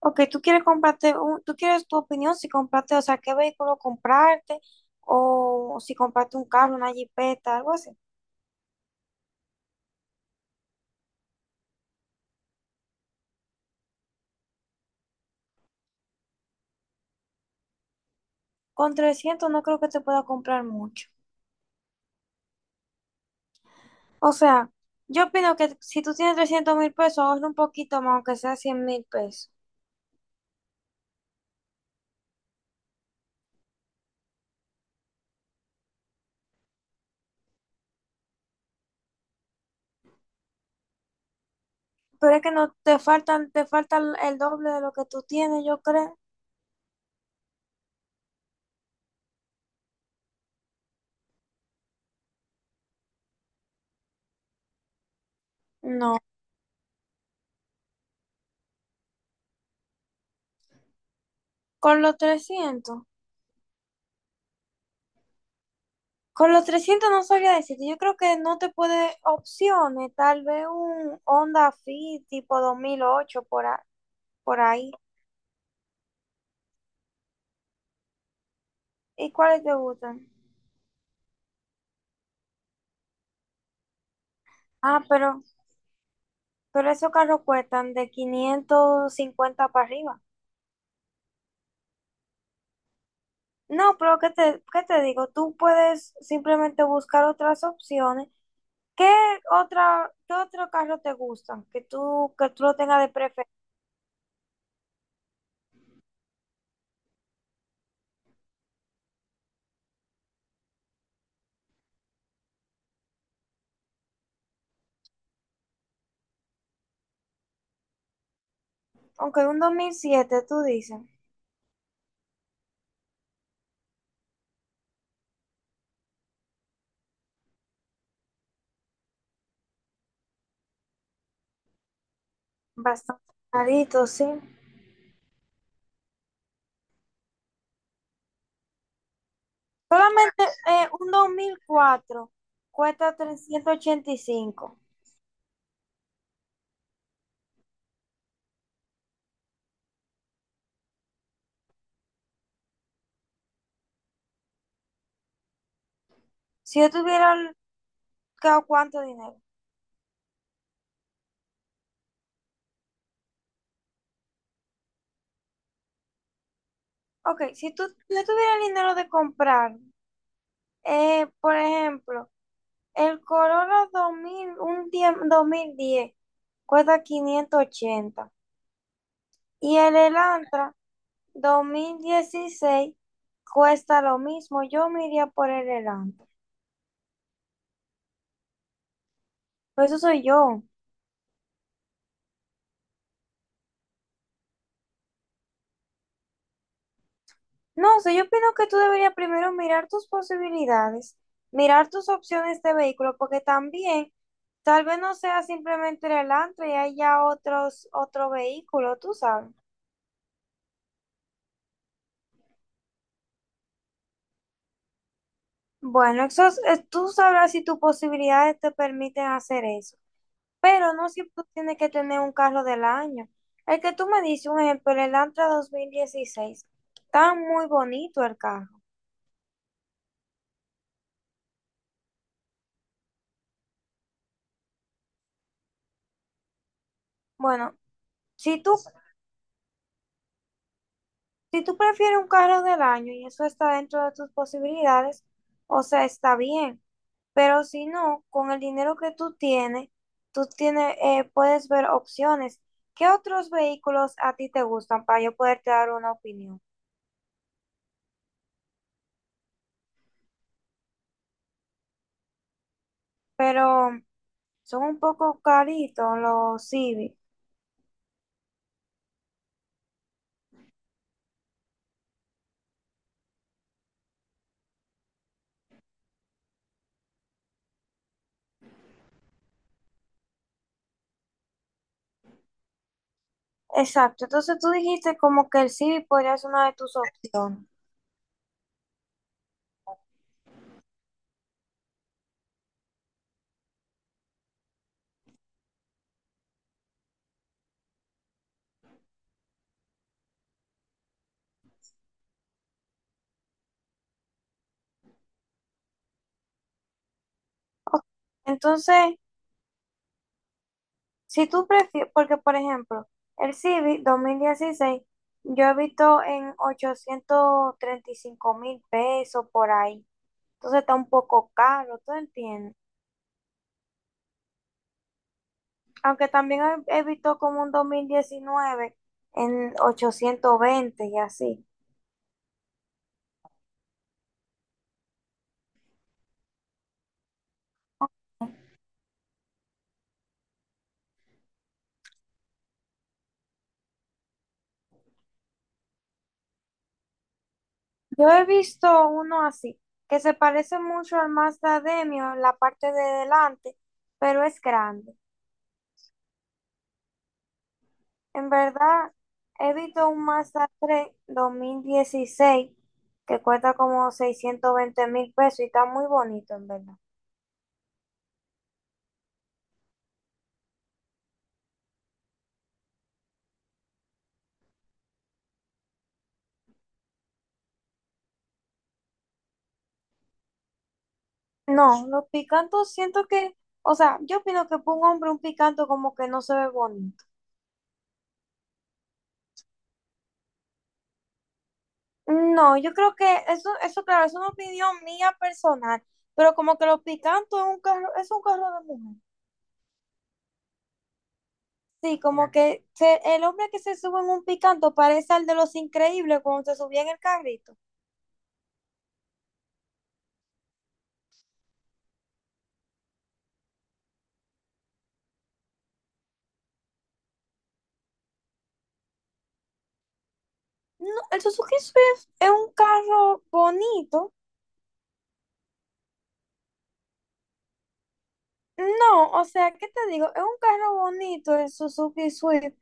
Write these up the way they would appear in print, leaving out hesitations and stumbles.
Ok, tú quieres tú quieres tu opinión si comprarte, o sea, qué vehículo comprarte o si comprarte un carro, una jipeta, algo así. Con 300 no creo que te pueda comprar mucho. O sea, yo opino que si tú tienes 300,000 pesos, ahorra un poquito más, aunque sea 100,000 pesos. Pero es que no te faltan, te falta el doble de lo que tú tienes, yo creo. No, con los 300. Con los 300 no sabía decirte. Yo creo que no te puede opciones. Tal vez un Honda Fit tipo 2008 por ahí. ¿Y cuáles te gustan? Ah, pero esos carros cuestan de 550 para arriba. No, pero ¿qué te digo? Tú puedes simplemente buscar otras opciones. ¿Qué qué otro carro te gustan? Que tú lo tengas de preferencia. Aunque un 2007 tú dices. Bastante carito, sí. Solamente un 2004 cuesta 385. Si yo tuviera el- ca- ¿Cuánto dinero? Ok, si yo tuviera el dinero de comprar, por ejemplo, el Corolla 2010 cuesta 580 y el Elantra 2016 cuesta lo mismo. Yo me iría por el Elantra. Pero eso soy yo. No sé, yo opino que tú deberías primero mirar tus posibilidades, mirar tus opciones de vehículo, porque también tal vez no sea simplemente el Elantra y haya otro vehículo, tú sabes. Bueno, tú sabrás si tus posibilidades te permiten hacer eso, pero no siempre tú tienes que tener un carro del año. El que tú me dices, un ejemplo, el Elantra 2016 está muy bonito el carro. Bueno, si tú Si tú prefieres un carro del año y eso está dentro de tus posibilidades, o sea, está bien. Pero si no, con el dinero que tú tienes, puedes ver opciones. ¿Qué otros vehículos a ti te gustan para yo poderte dar una opinión? Pero son un poco caritos los Civic. Exacto. Entonces tú dijiste como que el Civic podría ser una de tus opciones. Entonces, si tú prefieres, porque por ejemplo, el Civic 2016 yo he visto en 835,000 pesos por ahí. Entonces está un poco caro, ¿tú entiendes? Aunque también he visto como un 2019 en 820 y así. Yo he visto uno así, que se parece mucho al Mazda Demio en la parte de delante, pero es grande. En verdad, he visto un Mazda tres 2016 que cuesta como 620,000 pesos y está muy bonito, en verdad. No, los picantos siento que, o sea, yo opino que para un hombre un picanto como que no se ve bonito. No, yo creo que eso claro, es una opinión mía personal, pero como que los picantos es un carro de mujer. Sí, como el hombre que se sube en un picanto parece al de los increíbles cuando se subía en el carrito. No, el Suzuki Swift es un carro bonito. No, o sea, ¿qué te digo? Es un carro bonito el Suzuki Swift,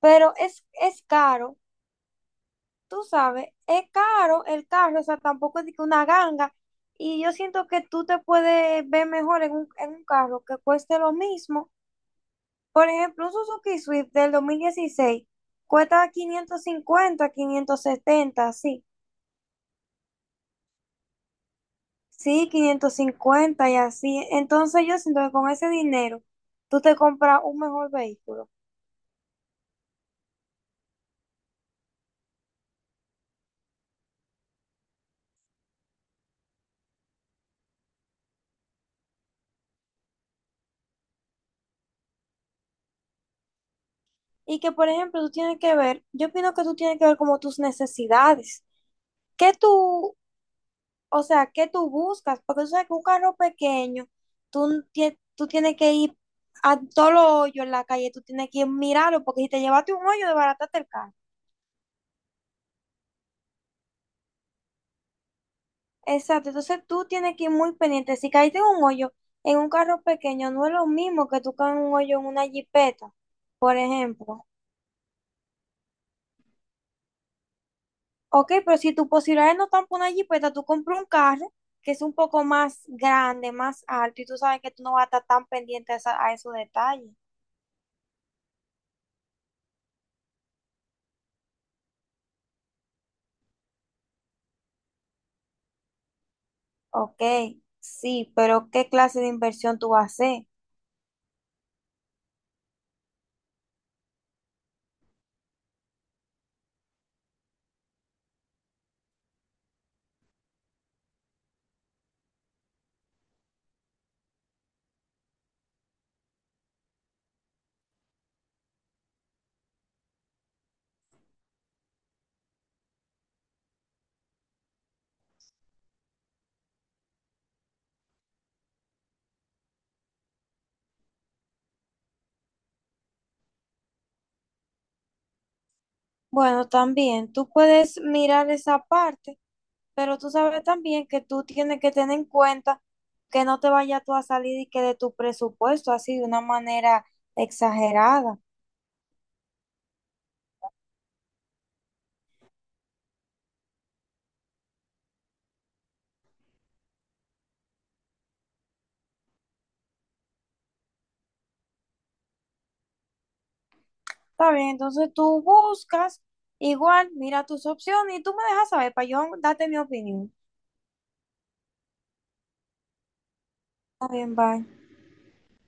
pero es caro, tú sabes, es caro el carro, o sea, tampoco es de que una ganga. Y yo siento que tú te puedes ver mejor en un, carro que cueste lo mismo. Por ejemplo, un Suzuki Swift del 2016 cuesta 550 570 sí. Sí, 550 y así. Entonces yo siento que con ese dinero tú te compras un mejor vehículo. Y que, por ejemplo, tú tienes que ver, yo opino que tú tienes que ver como tus necesidades. ¿Qué tú, o sea, ¿qué tú buscas? Porque tú sabes que un carro pequeño, tú tienes que ir a todos los hoyos en la calle, tú tienes que ir a mirarlo, porque si te llevaste un hoyo, desbarataste el carro. Exacto, entonces tú tienes que ir muy pendiente. Si caíste en un hoyo en un carro pequeño, no es lo mismo que tú caes en un hoyo en una jipeta, por ejemplo. Ok, pero si tus posibilidades no están por una jipeta, tú compras un carro que es un poco más grande, más alto, y tú sabes que tú no vas a estar tan pendiente a esos detalles. Ok, sí, pero ¿qué clase de inversión tú vas a hacer? Bueno, también tú puedes mirar esa parte, pero tú sabes también que tú tienes que tener en cuenta que no te vaya tú a salir y que de tu presupuesto así de una manera exagerada. Está bien, entonces tú buscas, igual, mira tus opciones y tú me dejas saber para yo darte mi opinión. Está bien, bye.